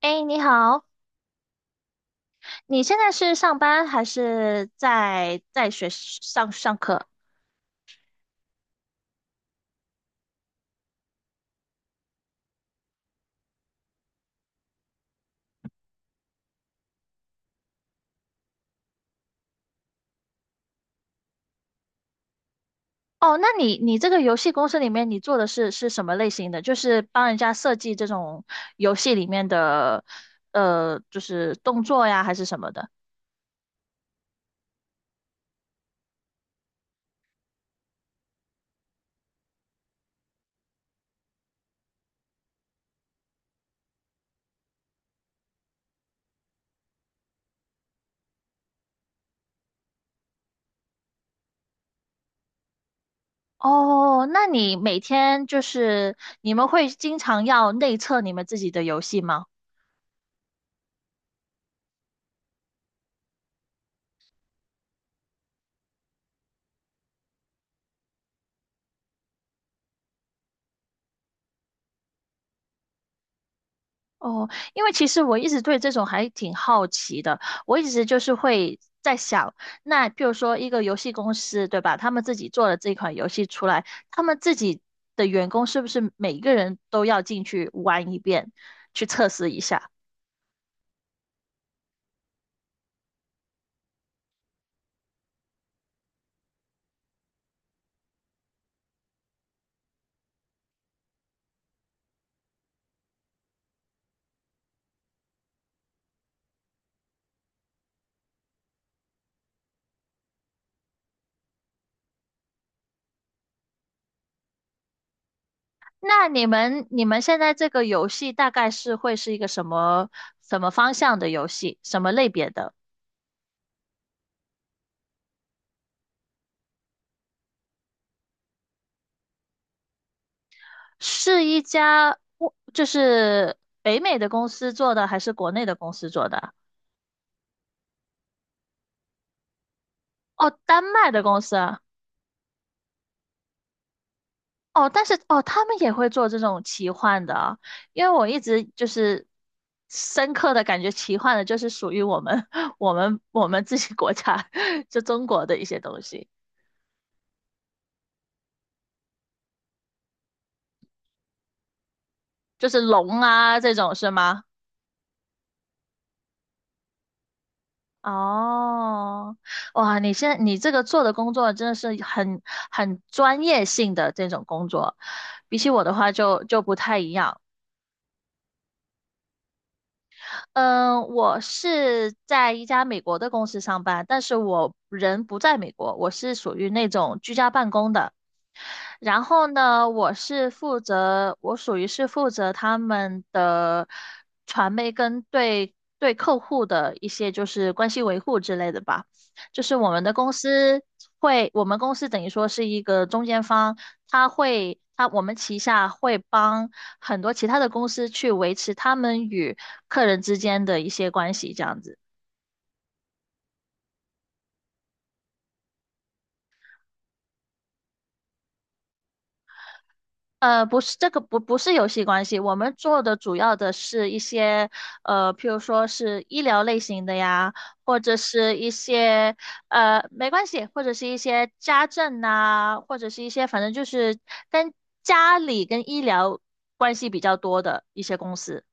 哎，你好，你现在是上班还是在学上课？哦，那你这个游戏公司里面你做的是什么类型的？就是帮人家设计这种游戏里面的就是动作呀，还是什么的？哦，那你每天就是你们会经常要内测你们自己的游戏吗？哦，因为其实我一直对这种还挺好奇的，我一直就是会在想，那譬如说一个游戏公司，对吧？他们自己做了这款游戏出来，他们自己的员工是不是每个人都要进去玩一遍，去测试一下？那你们现在这个游戏大概是会是一个什么方向的游戏，什么类别的？是一家就是北美的公司做的，还是国内的公司做的啊？哦，丹麦的公司啊，哦，但是哦，他们也会做这种奇幻的啊，因为我一直就是深刻的感觉，奇幻的就是属于我们 我们自己国家 就中国的一些东西，就是龙啊这种是吗？哦，哇，你现在你这个做的工作真的是很专业性的这种工作，比起我的话就不太一样。嗯，我是在一家美国的公司上班，但是我人不在美国，我是属于那种居家办公的。然后呢，我属于是负责他们的传媒跟对客户的一些就是关系维护之类的吧。就是我们的公司会，我们公司等于说是一个中间方，他会，他我们旗下会帮很多其他的公司去维持他们与客人之间的一些关系，这样子。不是这个不不是游戏关系，我们做的主要的是一些譬如说是医疗类型的呀，或者是一些呃没关系，或者是一些家政呐、或者是一些反正就是跟家里跟医疗关系比较多的一些公司。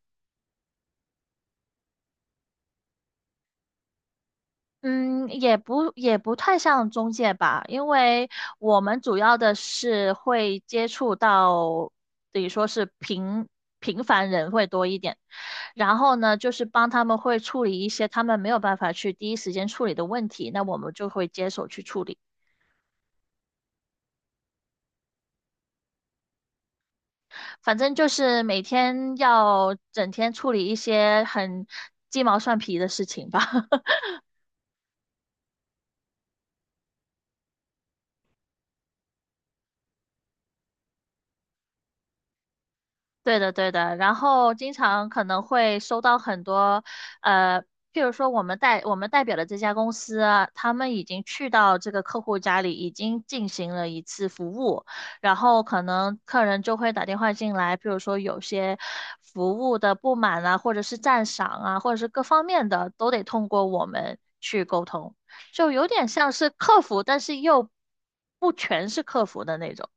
嗯，也不太像中介吧，因为我们主要的是会接触到，等于说是平凡人会多一点，然后呢，就是帮他们会处理一些他们没有办法去第一时间处理的问题，那我们就会接手去处理。反正就是每天要整天处理一些很鸡毛蒜皮的事情吧。对的，对的。然后经常可能会收到很多，呃，譬如说我们代表的这家公司啊，他们已经去到这个客户家里，已经进行了一次服务，然后可能客人就会打电话进来，譬如说有些服务的不满啊，或者是赞赏啊，或者是各方面的，都得通过我们去沟通，就有点像是客服，但是又不全是客服的那种。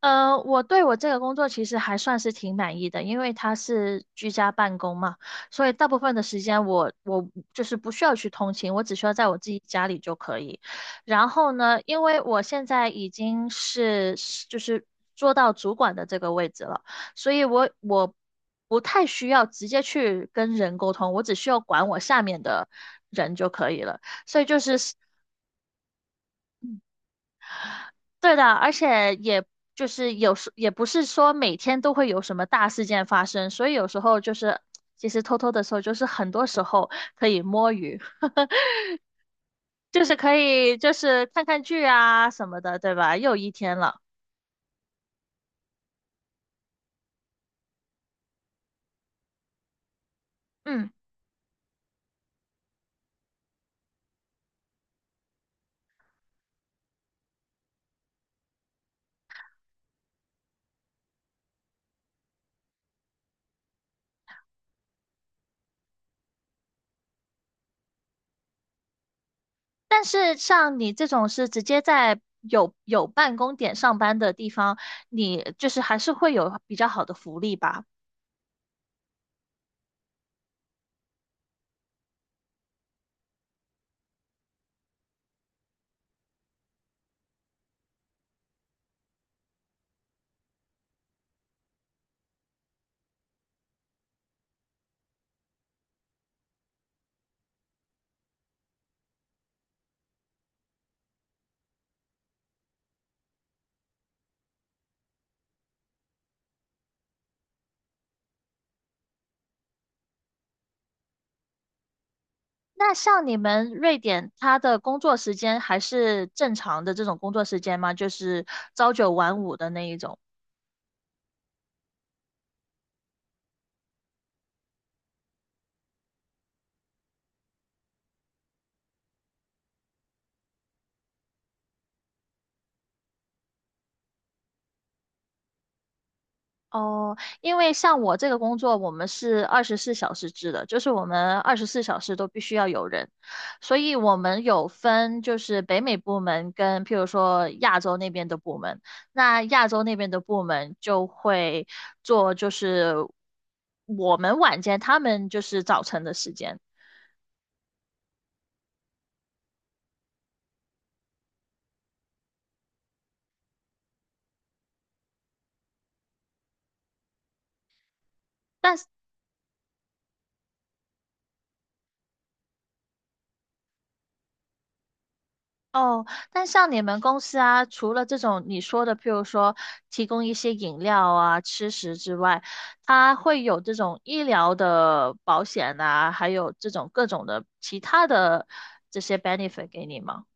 我对我这个工作其实还算是挺满意的，因为它是居家办公嘛，所以大部分的时间我就是不需要去通勤，我只需要在我自己家里就可以。然后呢，因为我现在已经是就是做到主管的这个位置了，所以我不太需要直接去跟人沟通，我只需要管我下面的人就可以了。所以就是。对的，而且也就是有时也不是说每天都会有什么大事件发生，所以有时候就是其实偷偷的时候，就是很多时候可以摸鱼，就是可以就是看看剧啊什么的，对吧？又一天了，嗯。但是像你这种是直接在有办公点上班的地方，你就是还是会有比较好的福利吧？那像你们瑞典，他的工作时间还是正常的这种工作时间吗？就是朝九晚五的那一种？哦，因为像我这个工作，我们是二十四小时制的，就是我们二十四小时都必须要有人，所以我们有分就是北美部门跟譬如说亚洲那边的部门，那亚洲那边的部门就会做就是我们晚间，他们就是早晨的时间。但哦，但像你们公司啊，除了这种你说的，譬如说提供一些饮料啊、吃食之外，它会有这种医疗的保险啊，还有这种各种的其他的这些 benefit 给你吗？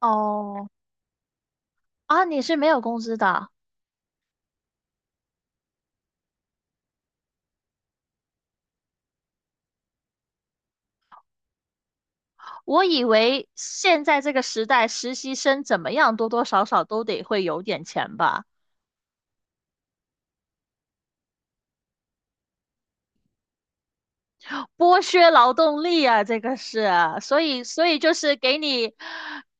哦，啊，你是没有工资的啊，我以为现在这个时代，实习生怎么样，多多少少都得会有点钱吧。剥削劳动力啊，这个是啊所以就是给你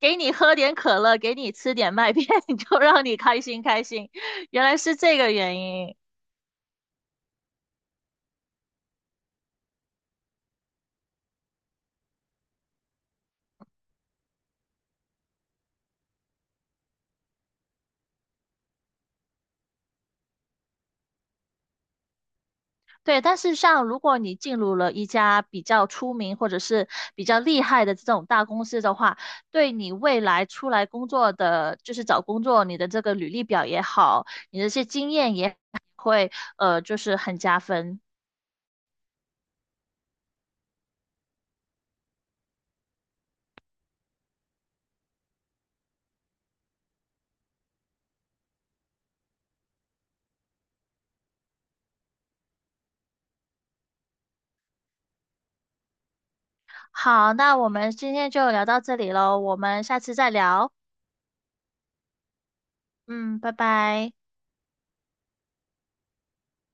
给你喝点可乐，给你吃点麦片，就让你开心开心，原来是这个原因。对，但是像如果你进入了一家比较出名或者是比较厉害的这种大公司的话，对你未来出来工作的，就是找工作，你的这个履历表也好，你的这些经验也会就是很加分。好，那我们今天就聊到这里喽，我们下次再聊。嗯，拜拜。